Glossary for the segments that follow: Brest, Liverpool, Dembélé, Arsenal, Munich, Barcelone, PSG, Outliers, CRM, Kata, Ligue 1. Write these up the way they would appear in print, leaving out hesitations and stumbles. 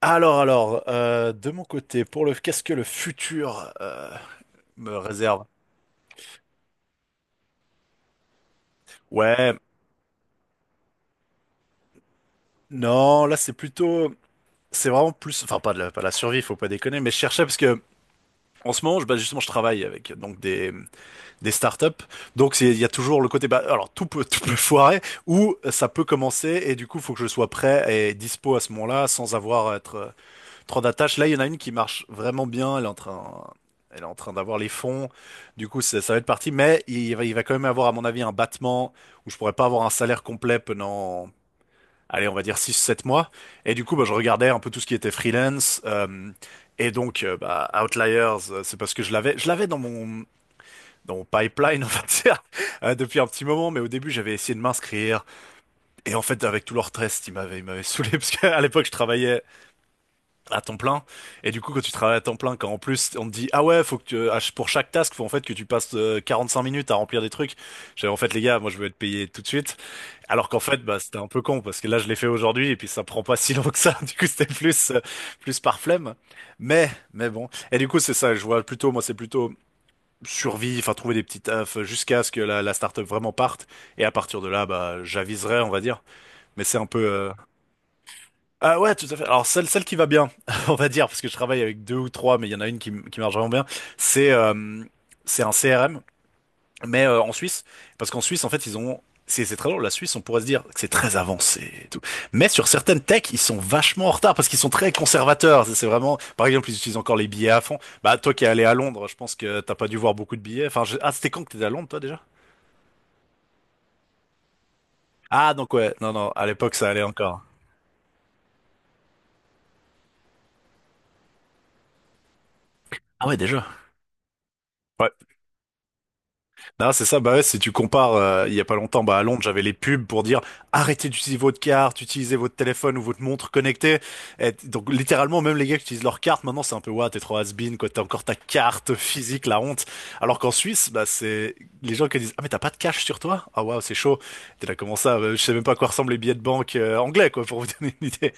De mon côté, pour le qu'est-ce que le futur me réserve? Ouais, non, là c'est plutôt, c'est vraiment plus, enfin pas de la survie, faut pas déconner, mais je cherchais parce que en ce moment, je, bah, justement, je travaille avec donc des startups, donc il y a toujours le côté, bah, alors tout peut foirer ou ça peut commencer et du coup, faut que je sois prêt et dispo à ce moment-là sans avoir à être trop d'attaches. Là, il y en a une qui marche vraiment bien. Elle est en train d'avoir les fonds. Du coup, ça va être parti. Mais il va quand même avoir, à mon avis, un battement où je pourrais pas avoir un salaire complet pendant, allez, on va dire six, sept mois. Et du coup, bah, je regardais un peu tout ce qui était freelance. Et donc, bah, Outliers, c'est parce que je l'avais dans dans mon pipeline, on va dire, depuis un petit moment. Mais au début, j'avais essayé de m'inscrire. Et en fait, avec tout leur stress, ils m'avaient saoulé parce qu'à l'époque, je travaillais à temps plein. Et du coup, quand tu travailles à temps plein, quand en plus on te dit, ah ouais, faut que pour chaque task, faut en fait que tu passes 45 minutes à remplir des trucs. J'avais en fait, les gars, moi je veux être payé tout de suite. Alors qu'en fait, bah, c'était un peu con parce que là, je l'ai fait aujourd'hui et puis ça prend pas si long que ça. Du coup, c'était plus, plus par flemme. Mais bon. Et du coup, c'est ça, je vois plutôt, moi, c'est plutôt survie, enfin, trouver des petits tafs jusqu'à ce que la startup vraiment parte. Et à partir de là, bah, j'aviserai, on va dire. Mais c'est un peu, ah ouais, tout à fait. Alors celle qui va bien, on va dire, parce que je travaille avec deux ou trois, mais il y en a une qui marche vraiment bien, c'est euh, c'est un CRM, mais en Suisse, parce qu'en Suisse, en fait, ils ont... C'est très drôle, la Suisse, on pourrait se dire que c'est très avancé et tout. Mais sur certaines techs, ils sont vachement en retard parce qu'ils sont très conservateurs. C'est vraiment, par exemple, ils utilisent encore les billets à fond. Bah, toi qui es allé à Londres, je pense que t'as pas dû voir beaucoup de billets. Enfin, ah, c'était quand que t'étais à Londres, toi, déjà? Ah, donc ouais, non, non, à l'époque, ça allait encore. Ah ouais, déjà. Ouais. Non, c'est ça. Bah ouais, si tu compares, il y a pas longtemps, bah à Londres, j'avais les pubs pour dire arrêtez d'utiliser votre carte, utilisez votre téléphone ou votre montre connectée. Et donc littéralement, même les gars qui utilisent leur carte, maintenant c'est un peu ouais, t'es trop has-been, quoi, t'as encore ta carte physique, la honte. Alors qu'en Suisse, bah c'est les gens qui disent ah mais t'as pas de cash sur toi? Ah waouh, c'est chaud. T'es là comment ça? Je sais même pas à quoi ressemblent les billets de banque anglais, quoi, pour vous donner une idée.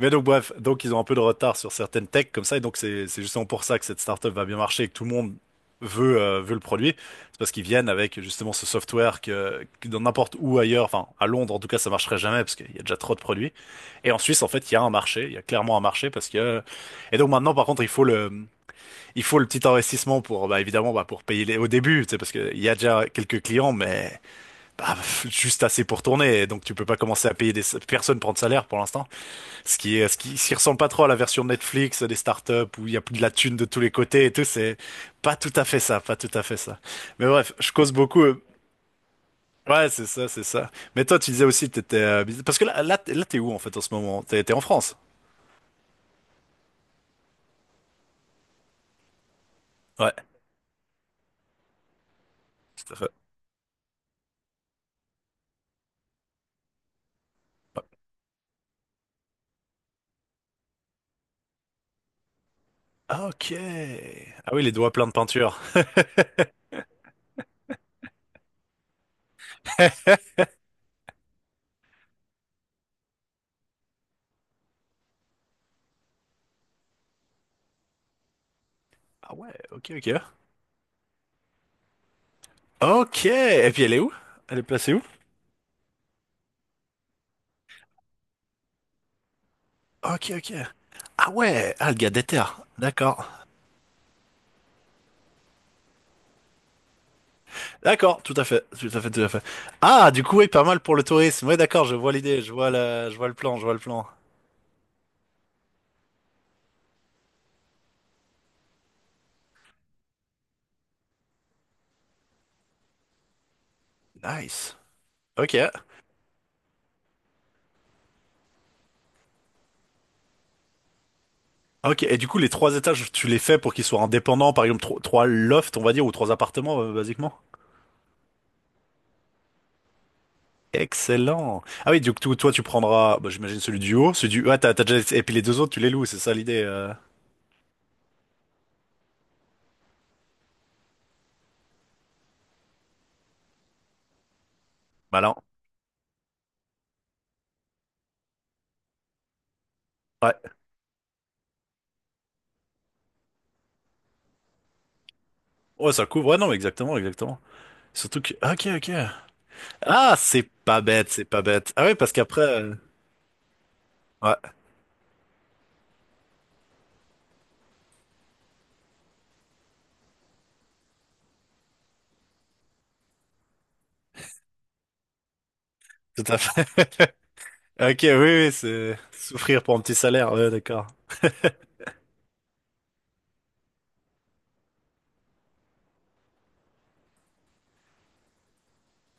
Mais donc bref, donc ils ont un peu de retard sur certaines techs comme ça, et donc c'est justement pour ça que cette startup va bien marcher et que tout le monde veut veut le produit. C'est parce qu'ils viennent avec justement ce software que dans n'importe où ailleurs, enfin à Londres en tout cas ça marcherait jamais parce qu'il y a déjà trop de produits. Et en Suisse en fait il y a un marché, il y a clairement un marché parce que et donc maintenant par contre il faut le petit investissement pour bah évidemment bah pour payer les au début, tu sais parce que il y a déjà quelques clients mais bah juste assez pour tourner, et donc tu peux pas commencer à payer des personnes prend de salaire pour l'instant. Ce qui est, ce qui ressemble pas trop à la version Netflix des startups où il y a de la thune de tous les côtés et tout, c'est pas tout à fait ça, pas tout à fait ça. Mais bref, je cause beaucoup. Ouais, c'est ça, c'est ça. Mais toi, tu disais aussi que t'étais, parce que t'es là, t'es où en fait en ce moment? T'es en France? Ouais, tout à fait. Ouais. Ah, ok. Ah oui, les doigts pleins de peinture. Ah ouais, ok, ok. Ok. Et puis elle est où? Elle est placée où? Ok, ok. Ah ouais, ah le gars déterre. D'accord. D'accord, tout à fait. Ah, du coup, oui, pas mal pour le tourisme. Ouais, d'accord, je vois l'idée, je vois le plan, je vois le plan. Nice. Ok. Ok. Et du coup, les trois étages, tu les fais pour qu'ils soient indépendants, par exemple, trois lofts, on va dire, ou trois appartements, basiquement. Excellent. Ah oui, du coup, toi, tu prendras, bah, j'imagine celui du haut, celui du, ah t'as déjà, et puis les deux autres, tu les loues, c'est ça l'idée, Malin. Ouais. Ouais, ça couvre. Ouais, non, exactement, exactement. Surtout que, ok, ok. Ah, c'est pas bête, c'est pas bête. Ah oui, parce qu'après, ouais, tout à fait. Ok, oui, oui, c'est souffrir pour un petit salaire, ouais, d'accord.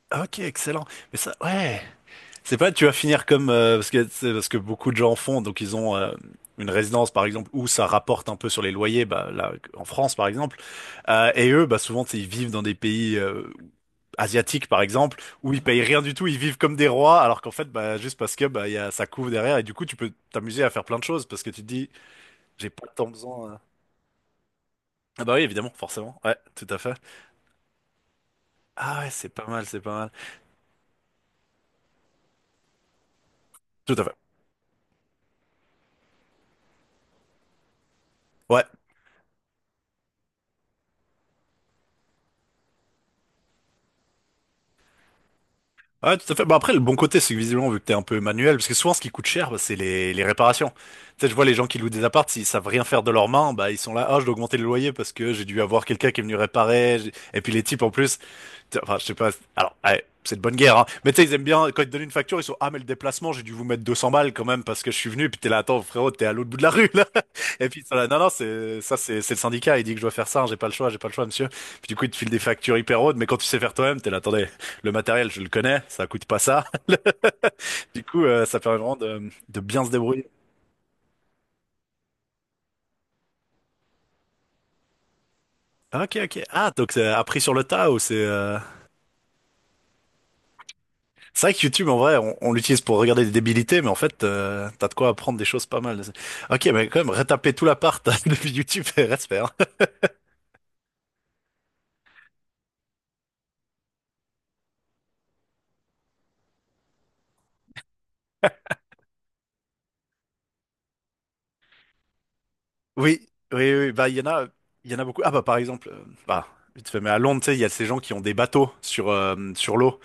Ah, ok, excellent. Mais ça, ouais, c'est pas tu vas finir comme parce que c'est parce que beaucoup de gens font, donc ils ont une résidence par exemple où ça rapporte un peu sur les loyers, bah là en France par exemple, et eux, bah souvent tu sais, ils vivent dans des pays asiatiques par exemple où ils payent rien du tout, ils vivent comme des rois, alors qu'en fait bah juste parce que bah il y a ça couvre derrière et du coup tu peux t'amuser à faire plein de choses parce que tu te dis j'ai pas tant besoin. Ah bah oui, évidemment, forcément, ouais, tout à fait. Ah ouais, c'est pas mal, c'est pas mal. Tout à fait. Ouais. Ouais, tout à fait. Bah après, le bon côté, c'est que visiblement, vu que t'es un peu manuel, parce que souvent, ce qui coûte cher, bah, c'est les réparations. Tu sais, je vois les gens qui louent des apparts, s'ils savent rien faire de leurs mains, bah, ils sont là, ah, je dois augmenter le loyer parce que j'ai dû avoir quelqu'un qui est venu réparer. Et puis, les types, en plus, enfin, je sais pas. Alors, ouais, c'est de bonne guerre, hein. Mais tu sais, ils aiment bien, quand ils te donnent une facture, ils sont, ah, mais le déplacement, j'ai dû vous mettre 200 balles quand même parce que je suis venu, puis t'es là, attends, frérot, t'es à l'autre bout de la rue, là. Et puis, ils sont là, non, non, c'est le syndicat, il dit que je dois faire ça, hein, j'ai pas le choix, monsieur. Puis du coup, ils te filent des factures hyper hautes, mais quand tu sais faire toi-même, t'es là, attendez, le matériel, je le connais, ça coûte pas ça. Du coup, ça permet vraiment de bien se débrouiller. Ah, ok, ok. Ah, donc c'est appris sur le tas ou c'est, euh... C'est vrai que YouTube, en vrai, on l'utilise pour regarder des débilités, mais en fait, t'as de quoi apprendre des choses pas mal. Ok, mais quand même, retaper tout l'appart depuis YouTube, reste faire. Oui, oui. Bah, il y en a beaucoup. Ah, bah, par exemple, bah, vite fait, mais à Londres, tu sais, il y a ces gens qui ont des bateaux sur, sur l'eau.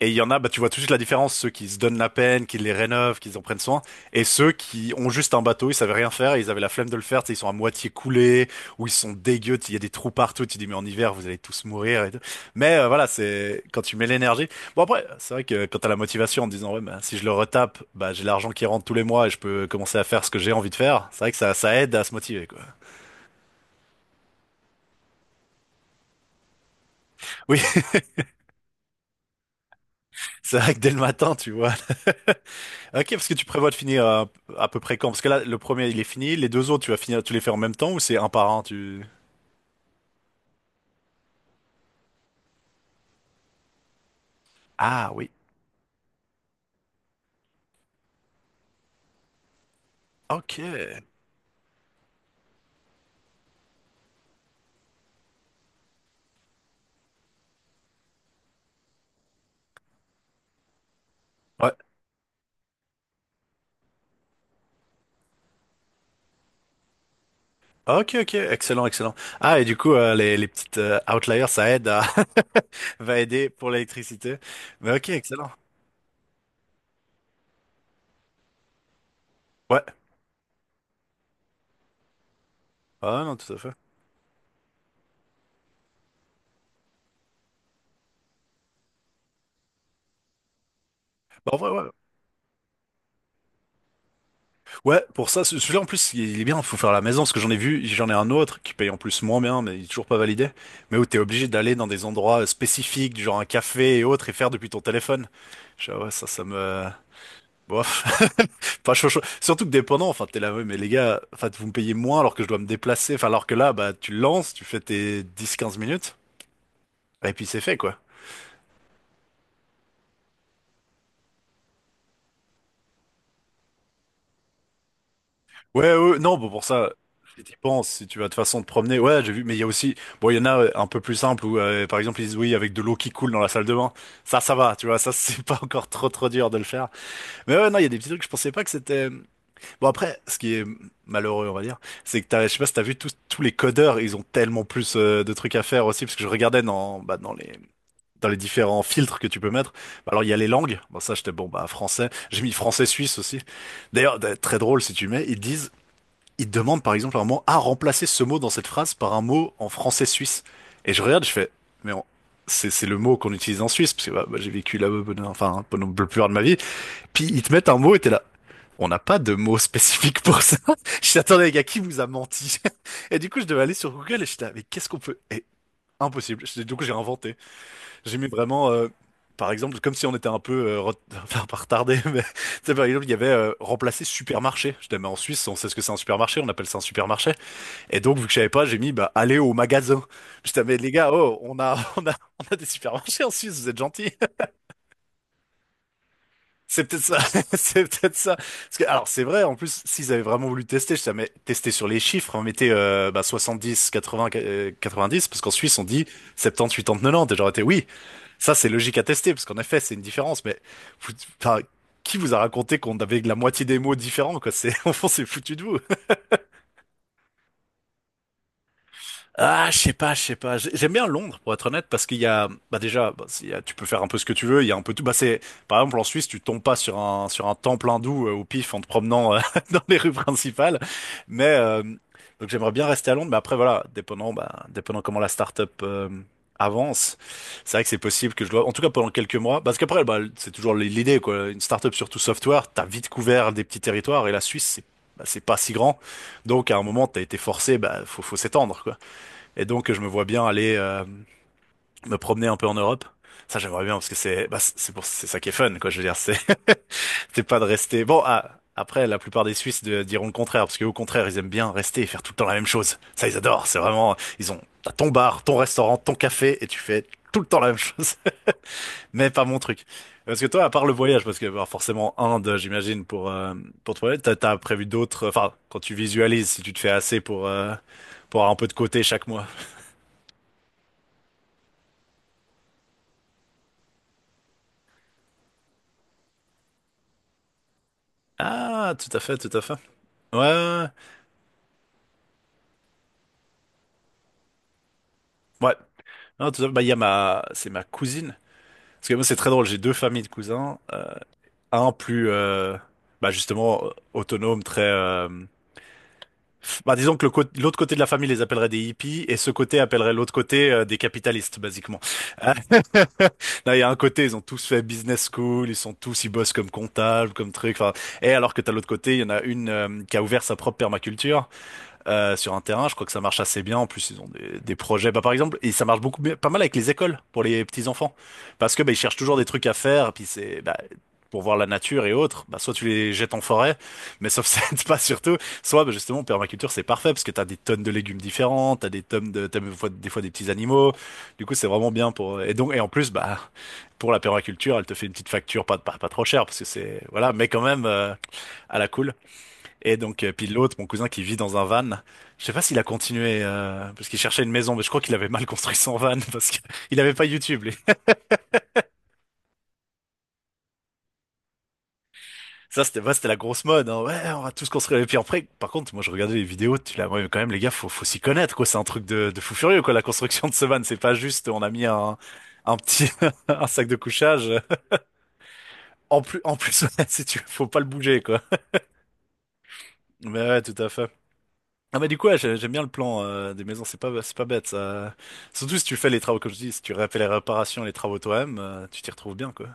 Et il y en a, bah, tu vois tout de suite la différence, ceux qui se donnent la peine, qui les rénovent, qui en prennent soin, et ceux qui ont juste un bateau, ils savaient rien faire, et ils avaient la flemme de le faire, tu sais, ils sont à moitié coulés, ou ils sont dégueux, il y a des trous partout, tu dis mais en hiver vous allez tous mourir et tout. Mais voilà, c'est quand tu mets l'énergie. Bon après, c'est vrai que quand t'as la motivation en te disant ouais bah, si je le retape, bah j'ai l'argent qui rentre tous les mois et je peux commencer à faire ce que j'ai envie de faire. C'est vrai que ça aide à se motiver quoi. Oui, c'est vrai que dès le matin, tu vois. Ok, parce que tu prévois de finir à peu près quand? Parce que là, le premier, il est fini. Les deux autres, tu vas finir, tu les fais en même temps ou c'est un par un, tu... Ah oui. Ok. Ouais. Ok, ok. Excellent, excellent. Ah, et du coup, les petites outliers, ça aide à, va aider pour l'électricité. Mais ok, excellent. Ouais. Ah non, tout à fait. Bah, en vrai, ouais. Ouais, pour ça, celui-là en plus, il est bien, faut faire à la maison, parce que j'en ai vu, j'en ai un autre qui paye en plus moins bien, mais il est toujours pas validé, mais où t'es obligé d'aller dans des endroits spécifiques, du genre un café et autres, et faire depuis ton téléphone. Ah ouais, ça me... Bof. Pas chaud, chaud. Surtout que dépendant, enfin, t'es là, ouais, mais les gars, enfin, vous me payez moins alors que je dois me déplacer, enfin, alors que là, bah, tu lances, tu fais tes dix, quinze minutes, et puis c'est fait, quoi. Ouais, ouais, ouais. Non, bon, pour ça, si t'y penses, si tu vas de façon te promener, ouais, j'ai vu, mais il y a aussi, bon, il y en a un peu plus simple où, par exemple, ils disent oui, avec de l'eau qui coule dans la salle de bain. Ça va, tu vois, ça, c'est pas encore trop, trop dur de le faire. Mais ouais, non, il y a des petits trucs, je pensais pas que c'était. Bon, après, ce qui est malheureux, on va dire, c'est que t'as, je sais pas si t'as vu tous les codeurs, ils ont tellement plus de trucs à faire aussi, parce que je regardais dans, bah, dans les. Dans les différents filtres que tu peux mettre. Bah, alors il y a les langues, bon ça j'étais bon bah français, j'ai mis français suisse aussi. D'ailleurs très drôle si tu mets, ils disent il demande par exemple à un moment à remplacer ce mot dans cette phrase par un mot en français suisse. Et je regarde, je fais, mais on- c'est le mot qu'on utilise en Suisse, parce que j'ai vécu enfin, hein, pendant le plus rare de ma vie. Puis ils te mettent un mot et t'es là. On n'a pas de mot spécifique pour ça. Je dis, attendez, les gars, qui vous a menti? Et du coup, je devais aller sur Google et je suis là, mais qu'est-ce qu'on peut... Eh, impossible. Du coup, j'ai inventé. J'ai mis vraiment, par exemple, comme si on était un peu enfin, pas retardé, mais tu sais, par exemple, il y avait remplacer supermarché. Je dis, mais en Suisse, on sait ce que c'est un supermarché, on appelle ça un supermarché. Et donc, vu que je savais pas, j'ai mis, bah, allez au magasin. Je t'avais, les gars, oh, on a des supermarchés en Suisse, vous êtes gentils. C'est peut-être ça. C'est peut-être ça. Parce que, alors, c'est vrai, en plus, s'ils avaient vraiment voulu tester, je t'avais mais tester sur les chiffres, on mettait, bah, 70, 80, 90, parce qu'en Suisse, on dit 70, 80, 90. Et j'aurais été, oui, ça, c'est logique à tester, parce qu'en effet, c'est une différence, mais, vous- enfin, qui vous a raconté qu'on avait la moitié des mots différents, quoi? C'est, on s'est foutu de vous. Ah, je sais pas, je sais pas. J'aime bien Londres, pour être honnête, parce qu'il y a, bah déjà, tu peux faire un peu ce que tu veux. Il y a un peu tout. Bah c'est, par exemple, en Suisse, tu tombes pas sur un temple hindou au pif en te promenant dans les rues principales. Mais euh, donc j'aimerais bien rester à Londres, mais après voilà, dépendant, dépendant comment la start-up avance, c'est vrai que c'est possible que je dois, en tout cas pendant quelques mois, parce qu'après, bah, c'est toujours l'idée quoi. Une start-up surtout software, t'as vite couvert des petits territoires et la Suisse, c'est bah, c'est pas si grand, donc à un moment t'as été forcé, bah faut s'étendre quoi. Et donc, je me vois bien aller me promener un peu en Europe. Ça, j'aimerais bien parce que c'est bah, c'est pour c'est ça qui est fun, quoi. Je veux dire, c'est c'est pas de rester. Bon, ah, après, la plupart des diront le contraire parce qu'au contraire, ils aiment bien rester et faire tout le temps la même chose. Ça, ils adorent. C'est vraiment ils ont t'as ton bar, ton restaurant, ton café et tu fais tout le temps la même chose. Mais pas mon truc. Parce que toi, à part le voyage, parce que bah, forcément Inde, j'imagine pour te voyager, t'as prévu d'autres. Enfin, quand tu visualises, si tu te fais assez pour avoir un peu de côté chaque mois. Ah, tout à fait, tout à fait. Ouais, ouais. Ouais. Ouais. Non, tout ça, bah, il y a ma, c'est ma cousine. Parce que moi, c'est très drôle. J'ai deux familles de cousins. Un plus, bah, justement, autonome, très, bah, disons que le l'autre côté de la famille les appellerait des hippies et ce côté appellerait l'autre côté des capitalistes, basiquement. Ah. Là, il y a un côté, ils ont tous fait business school, ils bossent comme comptables, comme truc. Enfin, et alors que t'as l'autre côté, il y en a une qui a ouvert sa propre permaculture. Sur un terrain. Je crois que ça marche assez bien. En plus, ils ont des projets. Bah, par exemple, et ça marche beaucoup, pas mal avec les écoles pour les petits enfants, parce que bah, ils cherchent toujours des trucs à faire. Puis c'est bah, pour voir la nature et autres. Bah, soit tu les jettes en forêt, mais sauf ça aide pas surtout. Soit bah, justement, permaculture, c'est parfait parce que t'as des tonnes de légumes différents, t'as des fois des petits animaux. Du coup, c'est vraiment bien pour. Et donc, et en plus, bah pour la permaculture, elle te fait une petite facture, pas trop chère parce que c'est voilà, mais quand même à la cool. Et donc, puis l'autre, mon cousin qui vit dans un van, je sais pas s'il a continué parce qu'il cherchait une maison, mais je crois qu'il avait mal construit son van parce qu'il avait pas YouTube. Lui. Ça, c'était ouais, c'était la grosse mode. Hein. Ouais, on va tous construire. Et puis après, par contre, moi, je regardais les vidéos. Tu l'as, ouais, quand même, les gars, faut s'y connaître, quoi. C'est un truc de fou furieux, quoi. La construction de ce van, c'est pas juste. On a mis un petit un sac de couchage. En plus, ouais, si tu, veux, faut pas le bouger, quoi. Mais ouais, tout à fait. Ah bah du coup ouais, j'aime bien le plan des maisons, c'est pas bête ça. Surtout si tu fais les travaux comme je dis, si tu fais les réparations, les travaux toi-même, tu t'y retrouves bien quoi.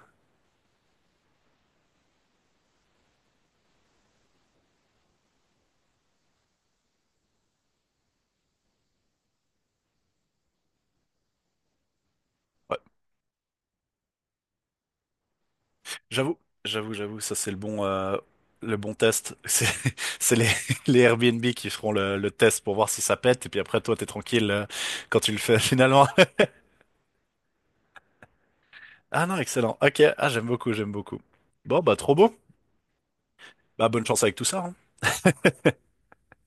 Ouais, j'avoue, j'avoue, ça c'est le bon test. C'est c'est les les Airbnb qui feront le test pour voir si ça pète et puis après toi t'es tranquille quand tu le fais finalement. Ah non, excellent. Ok, ah j'aime beaucoup, j'aime beaucoup. Bon bah trop beau. Bah bonne chance avec tout ça. Hein.